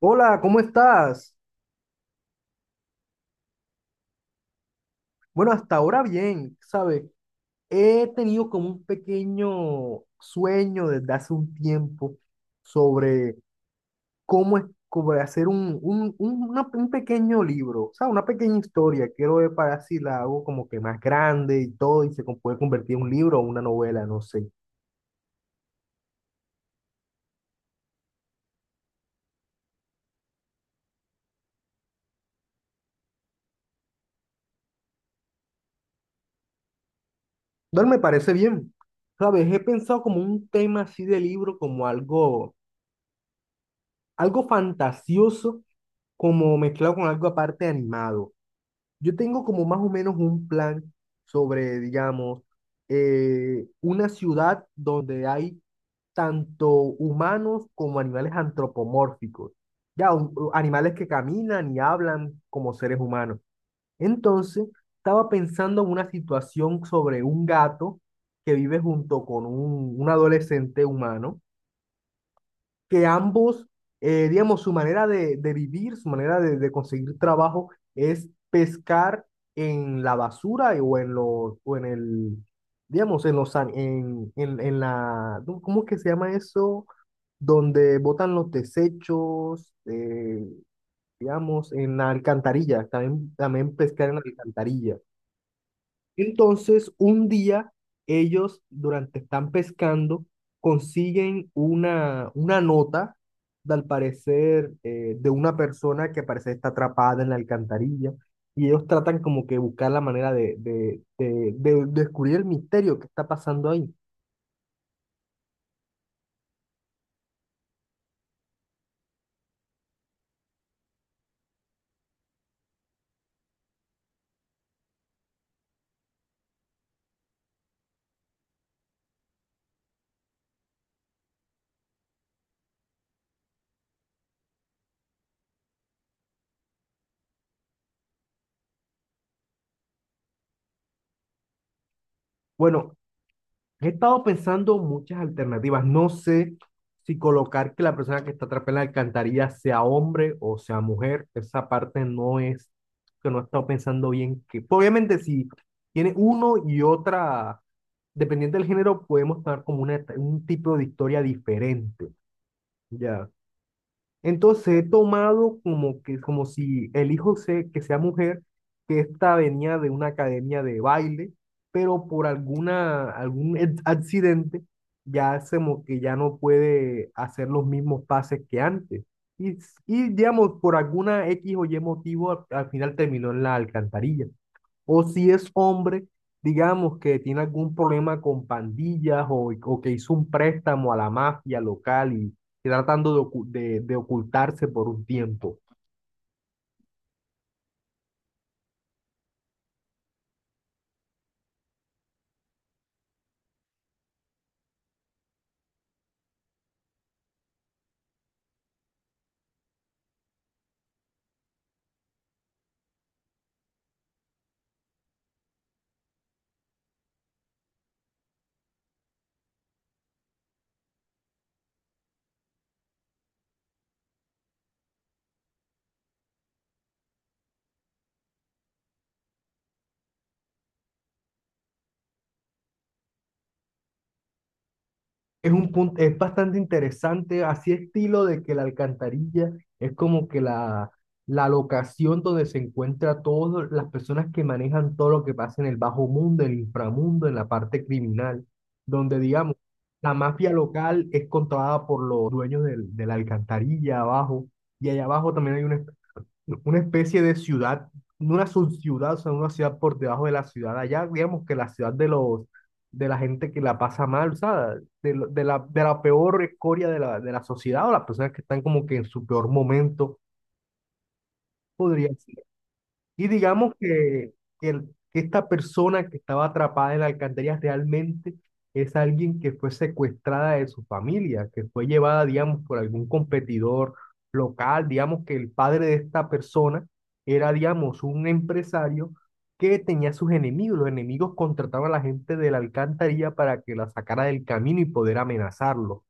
Hola, ¿cómo estás? Bueno, hasta ahora bien, ¿sabes? He tenido como un pequeño sueño desde hace un tiempo sobre cómo es, sobre hacer un pequeño libro, o sea, una pequeña historia. Quiero ver para si la hago como que más grande y todo, y se puede convertir en un libro o una novela, no sé. Entonces me parece bien, ¿sabes? He pensado como un tema así de libro, como algo, algo fantasioso, como mezclado con algo aparte animado. Yo tengo como más o menos un plan sobre, digamos, una ciudad donde hay tanto humanos como animales antropomórficos, ya, animales que caminan y hablan como seres humanos. Entonces, estaba pensando en una situación sobre un gato que vive junto con un adolescente humano que ambos, digamos, su manera de vivir, su manera de conseguir trabajo es pescar en la basura o en los, o en el, digamos, en los, en la, ¿cómo es que se llama eso? Donde botan los desechos, digamos, en la alcantarilla, también, también pescar en la alcantarilla. Entonces, un día ellos, durante están pescando, consiguen una nota, de, al parecer, de una persona que al parecer está atrapada en la alcantarilla, y ellos tratan como que buscar la manera de descubrir el misterio que está pasando ahí. Bueno, he estado pensando muchas alternativas. No sé si colocar que la persona que está atrapada en la alcantarilla sea hombre o sea mujer. Esa parte no es, que no he estado pensando bien. Que, pues, obviamente, si tiene uno y otra, dependiendo del género, podemos tomar como una, un tipo de historia diferente. Ya. Entonces he tomado como que, como si el hijo se, que sea mujer, que esta venía de una academia de baile, pero por alguna, accidente ya se, que ya no puede hacer los mismos pases que antes. Y, y digamos, por alguna X o Y motivo, al, al final terminó en la alcantarilla. O si es hombre, digamos que tiene algún problema con pandillas o que hizo un préstamo a la mafia local y tratando de, de ocultarse por un tiempo. Es un punto, es bastante interesante, así estilo de que la alcantarilla es como que la locación donde se encuentra todas las personas que manejan todo lo que pasa en el bajo mundo, en el inframundo, en la parte criminal, donde digamos, la mafia local es controlada por los dueños de la alcantarilla abajo, y allá abajo también hay una especie de ciudad, una subciudad, o sea, una ciudad por debajo de la ciudad allá, digamos que la ciudad de los, de la gente que la pasa mal, o sea, de la peor escoria de la sociedad o las personas que están como que en su peor momento, podría ser. Y digamos que que esta persona que estaba atrapada en la alcantarilla realmente es alguien que fue secuestrada de su familia, que fue llevada, digamos, por algún competidor local, digamos que el padre de esta persona era, digamos, un empresario que tenía sus enemigos, los enemigos contrataban a la gente de la alcantarilla para que la sacara del camino y poder amenazarlo.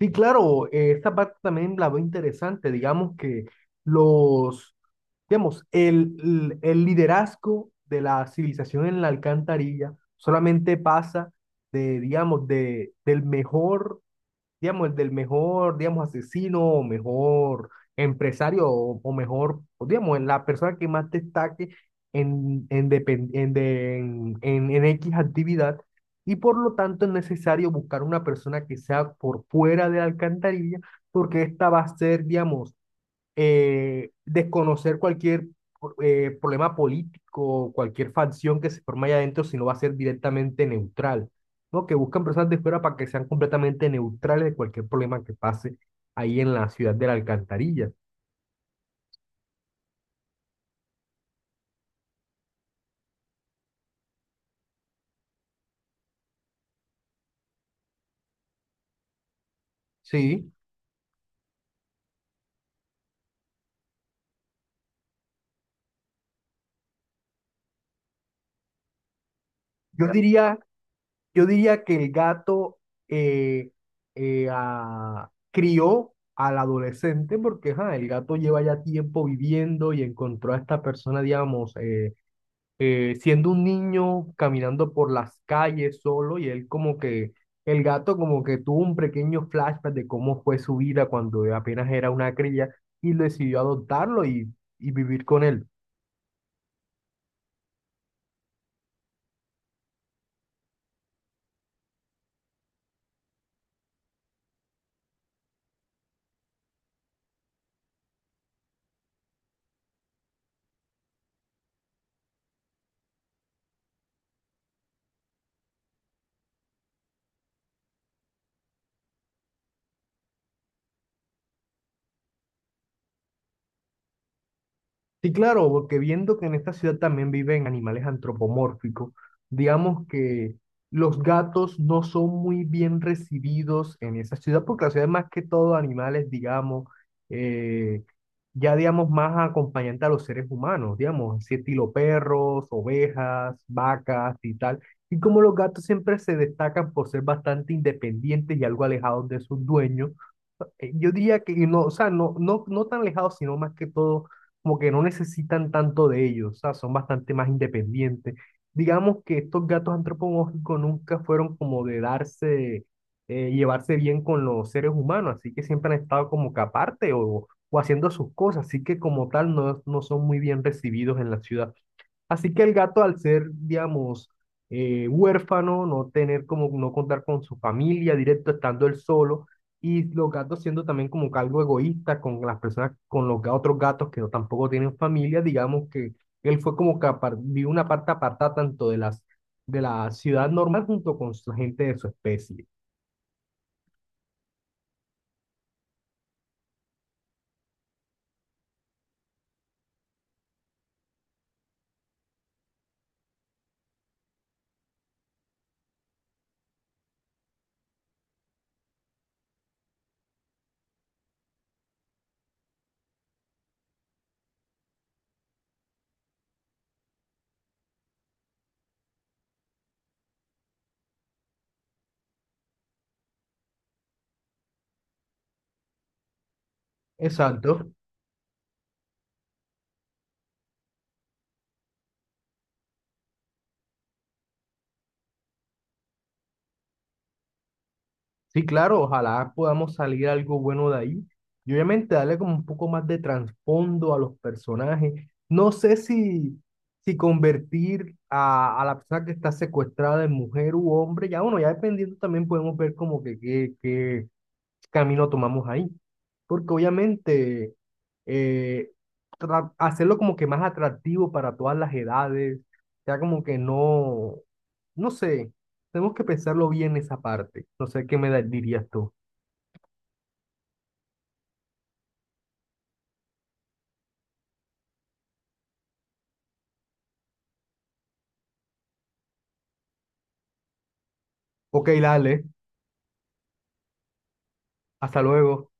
Sí, claro, esta parte también la veo interesante, digamos que los, digamos, el liderazgo de la civilización en la alcantarilla solamente pasa de, digamos, de, del mejor digamos, el del mejor, digamos, asesino o mejor empresario o mejor, o digamos, en la persona que más destaque en, depen- en, de- en X actividad. Y por lo tanto es necesario buscar una persona que sea por fuera de la alcantarilla, porque esta va a ser, digamos, desconocer cualquier problema político, cualquier facción que se forme allá adentro, sino va a ser directamente neutral, ¿no? Que buscan personas de fuera para que sean completamente neutrales de cualquier problema que pase ahí en la ciudad de la alcantarilla. Sí, yo diría, yo diría que el gato eh, crió al adolescente porque ajá, el gato lleva ya tiempo viviendo y encontró a esta persona, digamos, siendo un niño caminando por las calles solo y él como que, el gato como que tuvo un pequeño flashback de cómo fue su vida cuando apenas era una cría y decidió adoptarlo y vivir con él. Sí, claro, porque viendo que en esta ciudad también viven animales antropomórficos, digamos que los gatos no son muy bien recibidos en esa ciudad, porque la ciudad es más que todo animales, digamos, eh, ya digamos más acompañante a los seres humanos, digamos, así estilo perros, ovejas, vacas y tal. Y como los gatos siempre se destacan por ser bastante independientes y algo alejados de sus dueños, yo diría que no, o sea, no tan alejados sino más que todo como que no necesitan tanto de ellos, o sea, son bastante más independientes. Digamos que estos gatos antropomórficos nunca fueron como de darse, llevarse bien con los seres humanos, así que siempre han estado como que aparte o haciendo sus cosas, así que como tal no, no son muy bien recibidos en la ciudad. Así que el gato, al ser, digamos, huérfano, no tener como, no contar con su familia directo, estando él solo, y los gatos siendo también como que algo egoísta con las personas, con los otros gatos que no, tampoco tienen familia, digamos que él fue como que vivió una parte apartada tanto de las, de la ciudad normal junto con la gente de su especie. Exacto. Sí, claro, ojalá podamos salir algo bueno de ahí. Y obviamente darle como un poco más de trasfondo a los personajes. No sé si, si convertir a la persona que está secuestrada en mujer u hombre, ya bueno, ya dependiendo también podemos ver como que qué, camino tomamos ahí. Porque obviamente eh, hacerlo como que más atractivo para todas las edades, ya como que no, no sé, tenemos que pensarlo bien esa parte. No sé qué dirías tú. Ok, dale, hasta luego.